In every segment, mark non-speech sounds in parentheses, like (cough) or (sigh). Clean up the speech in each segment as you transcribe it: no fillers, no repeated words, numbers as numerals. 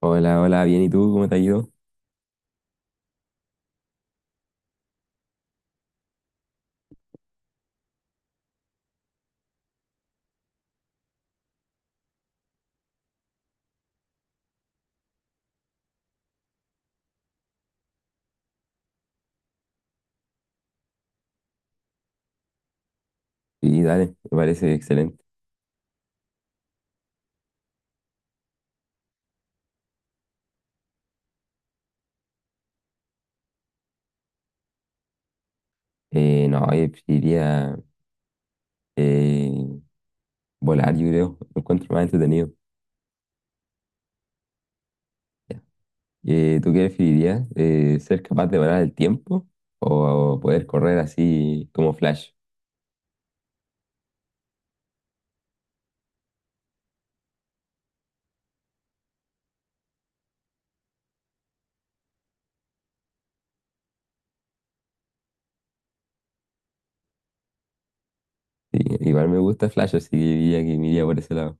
Hola, hola, bien, ¿y tú? ¿Cómo te ha ido? Sí, dale, me parece excelente. No, yo preferiría eh, volar, yo creo, lo encuentro más entretenido. ¿Tú qué preferirías? ¿Ser capaz de volar el tiempo o poder correr así como Flash? Sí, igual me gusta Flash, así que diría que me iría por ese lado.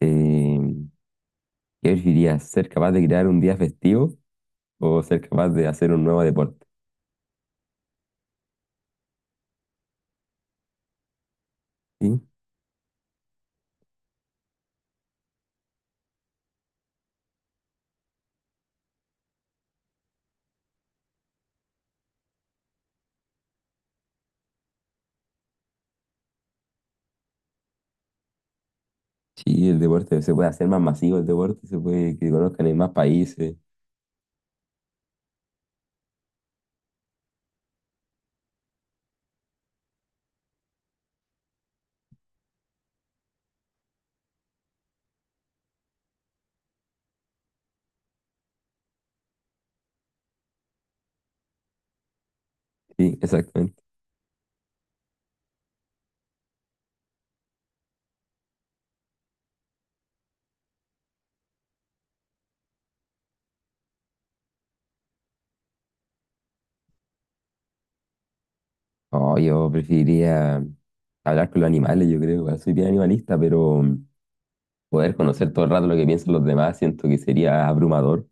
Eh, ¿Qué preferirías? ¿Ser capaz de crear un día festivo o ser capaz de hacer un nuevo deporte? Sí, sí, el deporte se puede hacer más masivo, el deporte se puede que conozcan en más países. Sí, exactamente. Oh, yo preferiría hablar con los animales, yo creo. Igual soy bien animalista, pero poder conocer todo el rato lo que piensan los demás, siento que sería abrumador.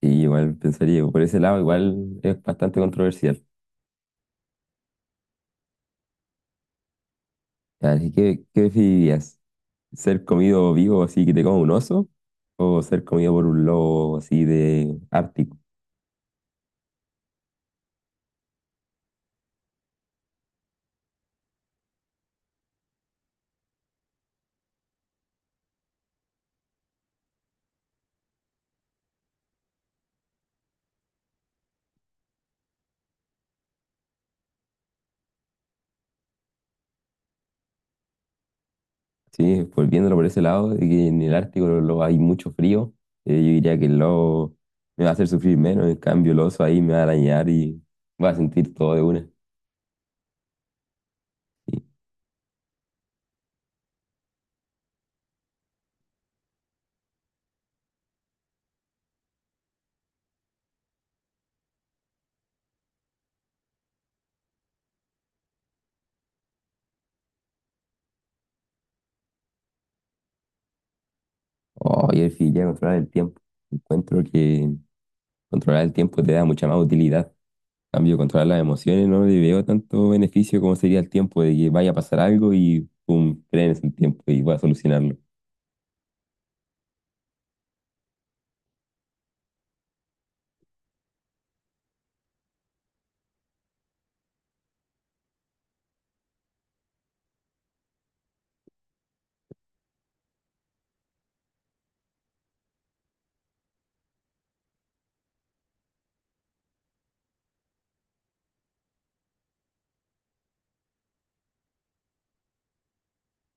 Y igual pensaría, por ese lado, igual es bastante controversial. Así que, ¿qué preferirías? ¿Ser comido vivo así que te coma un oso? ¿O ser comido por un lobo así de Ártico? Sí, volviéndolo por ese lado, de que en el Ártico hay mucho frío, yo diría que el lobo me va a hacer sufrir menos, en cambio el oso ahí me va a arañar y va a sentir todo de una. Sí. Oh, y el fin, ya controlar el tiempo. Encuentro que controlar el tiempo te da mucha más utilidad. En cambio, controlar las emociones no le veo tanto beneficio como sería el tiempo de que vaya a pasar algo y pum, frenes el tiempo y voy a solucionarlo.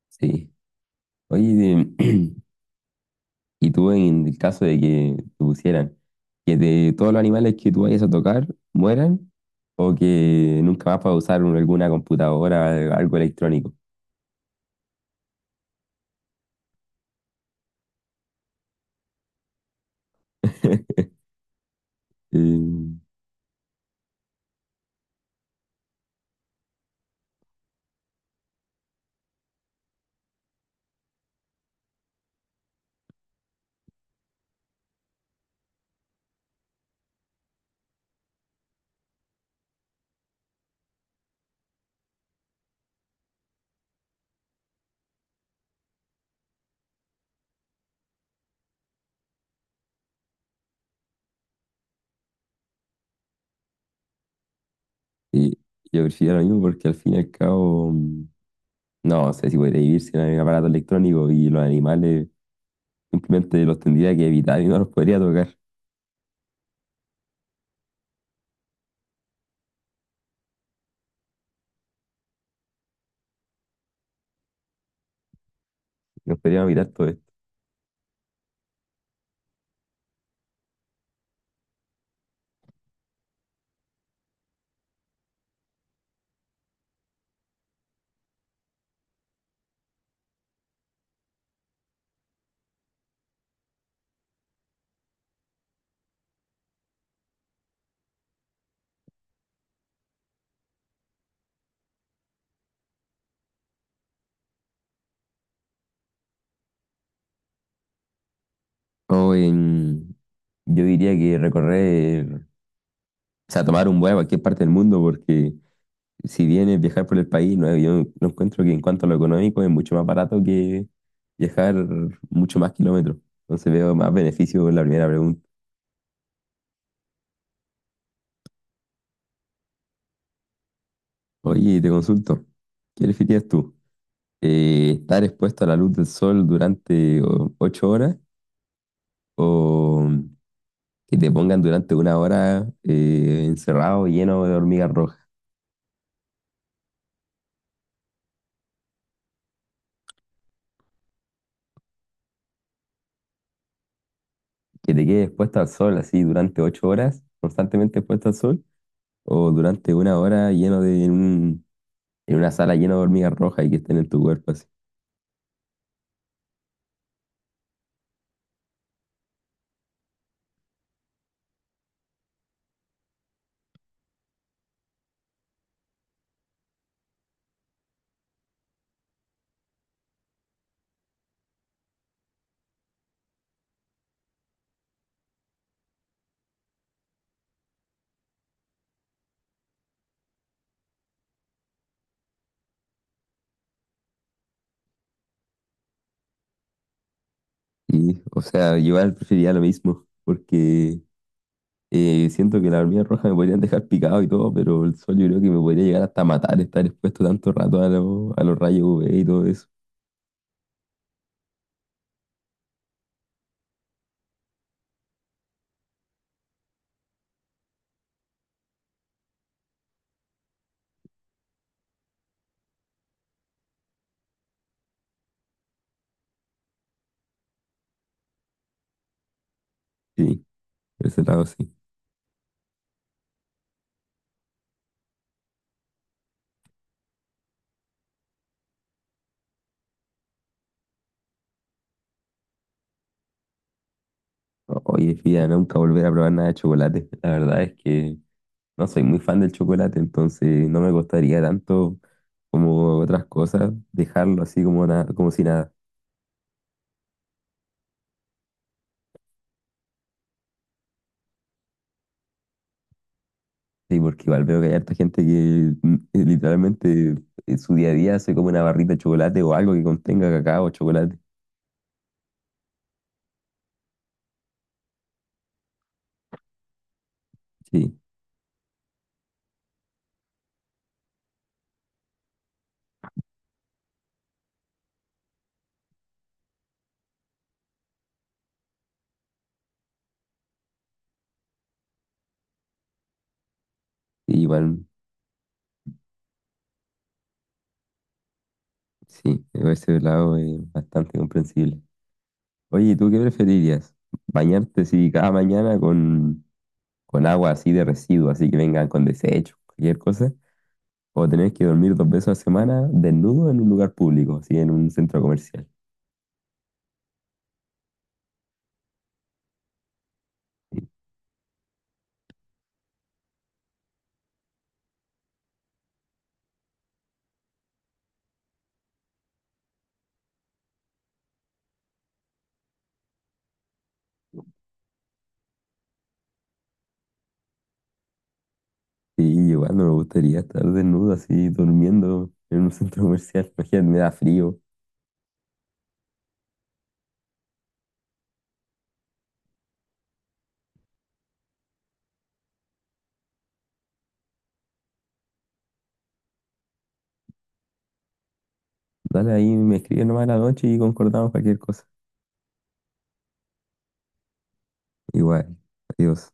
Sí. Oye, de- (clears throat) Y tú, en el caso de que te pusieran, que de todos los animales que tú vayas a tocar mueran, o que nunca más puedas usar alguna computadora, algo electrónico. (laughs) Eh, y yo prefiero lo mismo porque al fin y al cabo, no sé si podría vivir sin el aparato electrónico y los animales simplemente los tendría que evitar y no los podría tocar, no podría evitar todo esto. O en, yo diría que recorrer, o sea, tomar un vuelo a cualquier parte del mundo porque si bien es viajar por el país, no, yo no encuentro que en cuanto a lo económico es mucho más barato que viajar mucho más kilómetros. Entonces veo más beneficio en la primera pregunta. Oye, te consulto, ¿qué preferirías tú? ¿Estar expuesto a la luz del sol durante 8 horas o que te pongan durante 1 hora encerrado lleno de hormigas rojas? ¿Que te quedes expuesto al sol así durante 8 horas, constantemente expuesto al sol, o durante 1 hora lleno de un en una sala llena de hormigas rojas y que estén en tu cuerpo así? Y, o sea, yo igual preferiría lo mismo, porque siento que las hormigas rojas me podrían dejar picado y todo, pero el sol yo creo que me podría llegar hasta matar estar expuesto tanto rato a, a los rayos UV y todo eso. Sí, por ese lado sí. Oye, fíjate nunca volver a probar nada de chocolate. La verdad es que no soy muy fan del chocolate, entonces no me costaría tanto como otras cosas dejarlo así como, como si nada. Sí, porque igual veo que hay harta gente que literalmente en su día a día se come una barrita de chocolate o algo que contenga cacao o chocolate. Sí, sí, igual, sí, por ese lado es bastante comprensible. Oye, ¿y tú qué preferirías? ¿Bañarte si cada mañana con agua así de residuos, así que vengan con desechos, cualquier cosa? ¿O tener que dormir 2 veces a la semana desnudo en un lugar público, así en un centro comercial? Sí, igual no me gustaría estar desnudo así durmiendo en un centro comercial. (laughs) Imagínate, me da frío. Dale ahí, me escribes nomás en la noche y concordamos cualquier cosa. Igual, adiós.